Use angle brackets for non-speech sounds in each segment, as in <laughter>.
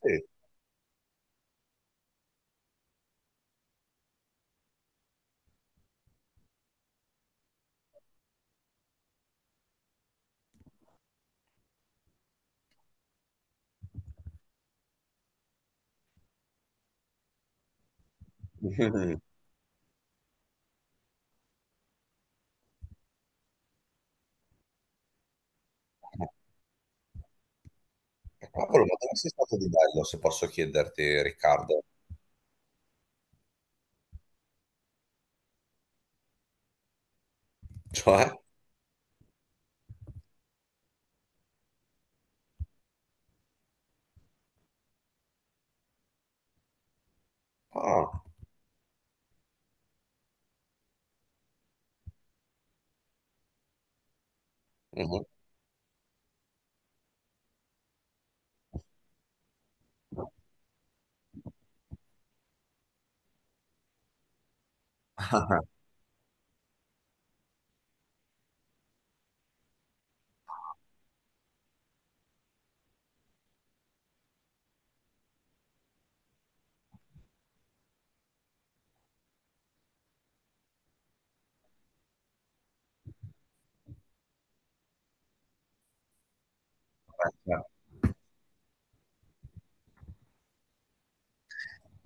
Sì. <laughs> Mm. Cavolo, ma dove sei stato di bello, se posso chiederti, Riccardo? Cioè? Ah, mhm. <laughs>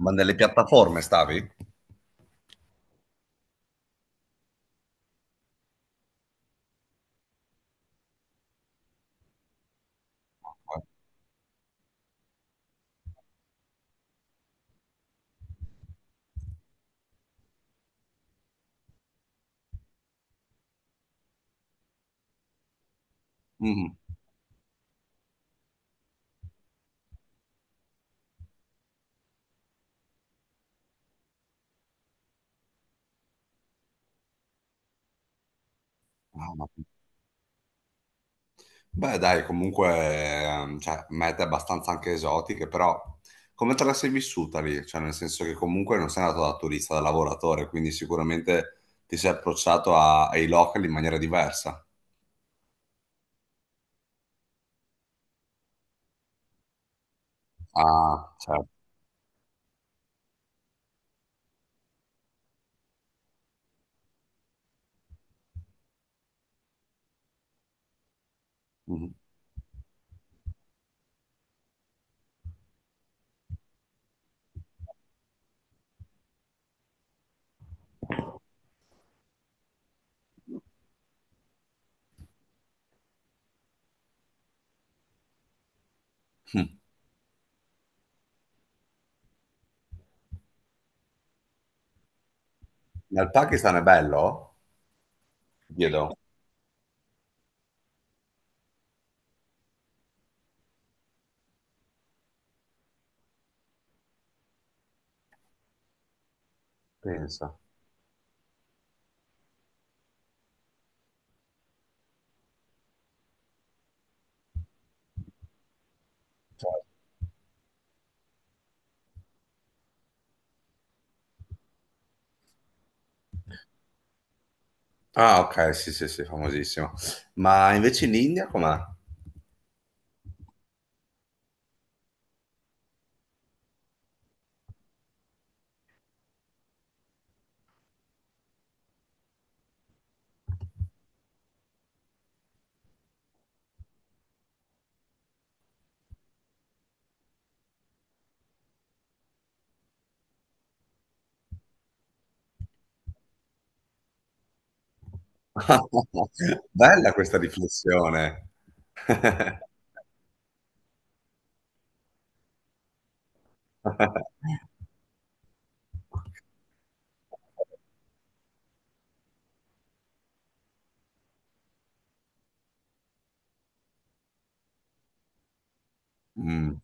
Ma nelle piattaforme stavi? Mhm. Ah, ma... Beh, dai, comunque, cioè, mete abbastanza anche esotiche, però come te la sei vissuta lì? Cioè, nel senso che comunque non sei andato da turista, da lavoratore, quindi sicuramente ti sei approcciato ai locali in maniera diversa. Ah, certo. Mhm. Hm. Ma il Pakistan è bello? Chiedo, pensa. Ah, ok, sì, sì, sì, famosissimo. Ma invece in India com'è? <laughs> Bella questa riflessione. <laughs> Mm.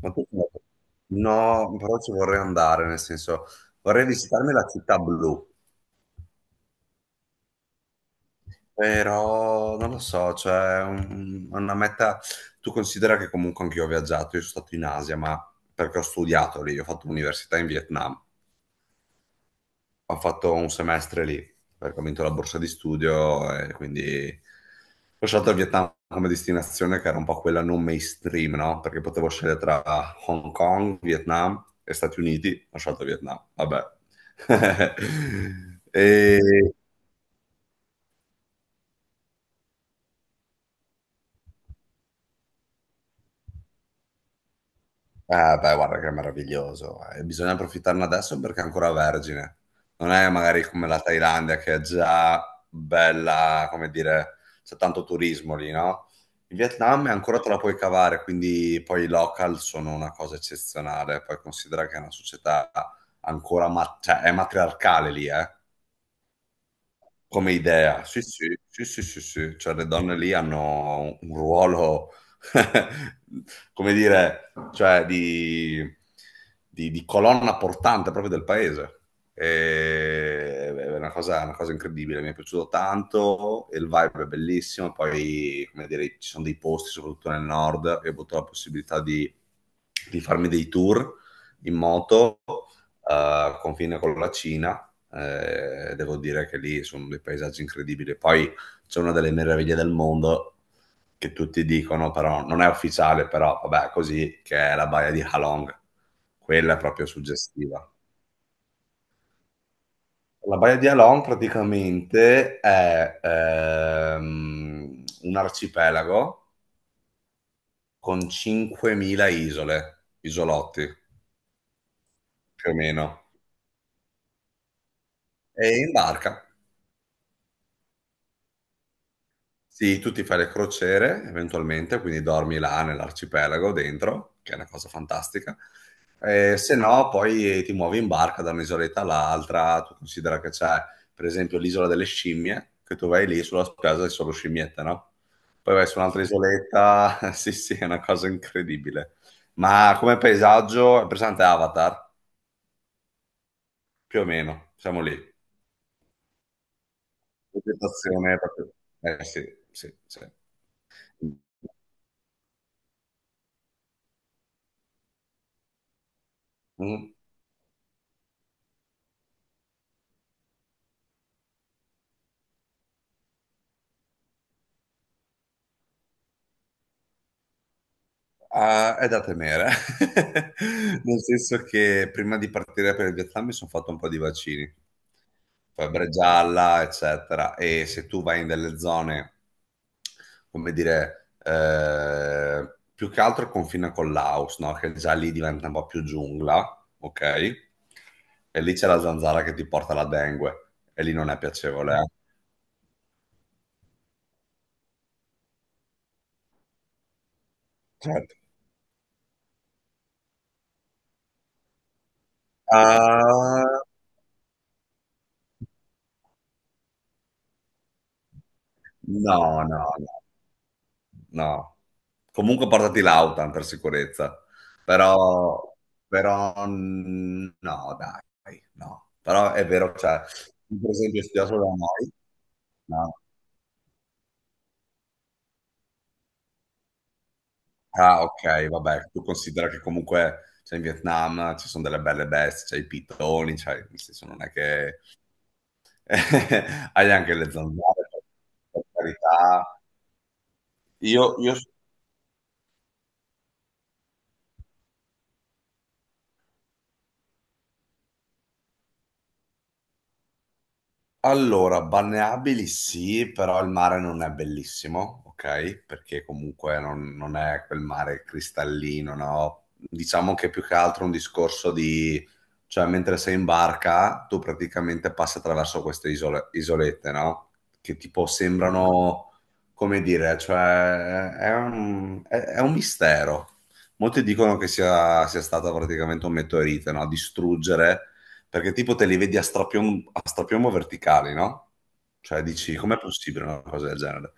Ma tu... No, però ci vorrei andare, nel senso, vorrei visitarmi la città blu, però non lo so, cioè una meta, tu considera che comunque anch'io ho viaggiato, io sono stato in Asia, ma perché ho studiato lì, ho fatto l'università in Vietnam. Ho fatto un semestre lì perché ho vinto la borsa di studio e quindi ho scelto il Vietnam come destinazione che era un po' quella non mainstream, no? Perché potevo scegliere tra Hong Kong, Vietnam e Stati Uniti, ho scelto Vietnam, vabbè. <laughs> E, eh, beh, guarda che è meraviglioso. E bisogna approfittarne adesso perché è ancora vergine. Non è magari come la Thailandia che è già bella, come dire, c'è tanto turismo lì, no? In Vietnam ancora te la puoi cavare, quindi poi i local sono una cosa eccezionale. Poi considera che è una società ancora, ma... cioè, è matriarcale lì, eh. Come idea, sì, sì, sì, sì, sì, sì. Cioè, le donne lì hanno un ruolo, <laughs> come dire, cioè, di, di colonna portante proprio del paese. È una cosa incredibile, mi è piaciuto tanto, e il vibe è bellissimo, poi, come dire, ci sono dei posti, soprattutto nel nord, io ho avuto la possibilità di farmi dei tour in moto, confine con la Cina, devo dire che lì sono dei paesaggi incredibili. Poi c'è una delle meraviglie del mondo che tutti dicono, però non è ufficiale, però vabbè, così, che è la baia di Halong. Quella è proprio suggestiva. La baia di Halong praticamente è un arcipelago con 5.000 isole, isolotti più o meno, e in barca. Sì, tu ti fai le crociere eventualmente, quindi dormi là nell'arcipelago dentro, che è una cosa fantastica. Se no, poi ti muovi in barca da un'isoletta all'altra. Tu considera che c'è, per esempio, l'isola delle scimmie, che tu vai lì sulla spiaggia e solo scimmiette, no? Poi vai su un'altra isoletta. <laughs> Sì, sì, è una cosa incredibile. Ma come paesaggio è presente Avatar? Più o meno, siamo lì. Vegetazione proprio. Eh sì, sì, sì. Mhm. Ah, è da temere, <laughs> nel senso che prima di partire per il Vietnam mi sono fatto un po' di vaccini, febbre gialla, eccetera, e se tu vai in delle zone, come dire, più che altro confina con Laos, no? Che già lì diventa un po' più giungla, ok? E lì c'è la zanzara che ti porta la dengue, e lì non è piacevole, eh. Certo. Ah, no, no, no. No. Comunque portati l'Autan per sicurezza. Però, però mm, no, dai, no. Però è vero, cioè, per esempio, studiato da noi, no. Ah, ok, vabbè, tu considera che comunque cioè, in Vietnam ci sono delle belle bestie, c'è i pitoni, cioè, nel senso non è che <laughs> hai anche le zanzare, per carità. Io, allora, balneabili sì, però il mare non è bellissimo, ok? Perché comunque non è quel mare cristallino, no? Diciamo che è più che altro è un discorso di... Cioè mentre sei in barca, tu praticamente passi attraverso queste isolette, no? Che tipo sembrano, come dire, cioè è un, è un mistero. Molti dicono che sia stato praticamente un meteorite, no? A distruggere, perché tipo te li vedi a strapiombo verticali, no? Cioè dici, com'è possibile una cosa del genere?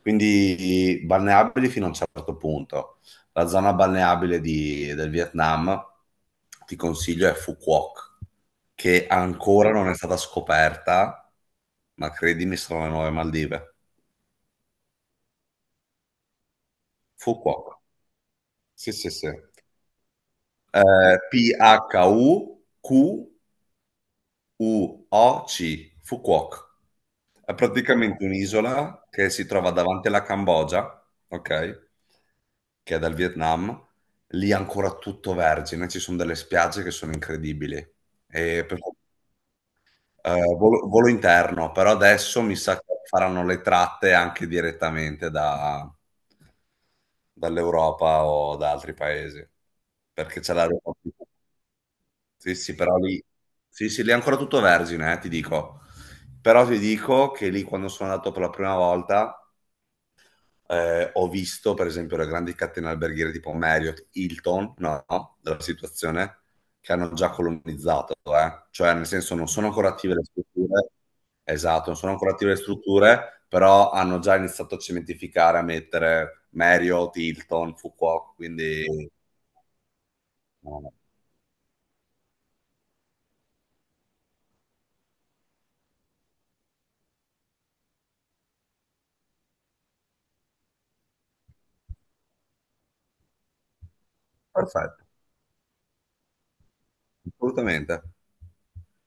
Quindi balneabili fino a un certo punto. La zona balneabile del Vietnam, ti consiglio, è Phu Quoc, che ancora non è stata scoperta, ma credimi, sono le nuove Maldive. Phu Quoc. Sì, sì, sì. P-H-U-Q-U-O-C. Phu Quoc. È praticamente un'isola che si trova davanti alla Cambogia, ok? Che è dal Vietnam. Lì è ancora tutto vergine, ci sono delle spiagge che sono incredibili. E per... volo, volo interno, però adesso mi sa che faranno le tratte anche direttamente da... dall'Europa o da altri paesi, perché c'è la sì, sì, però lì sì, sì, lì è ancora tutto vergine, ti dico. Però ti dico che lì quando sono andato per la prima volta, ho visto per esempio le grandi catene alberghiere tipo Marriott, Hilton, no, no, della situazione, che hanno già colonizzato, eh. Cioè, nel senso, non sono ancora attive le strutture esatto, non sono ancora attive le strutture, però hanno già iniziato a cementificare, a mettere Marriott, Hilton, Fuqua, quindi no, no, perfetto, assolutamente.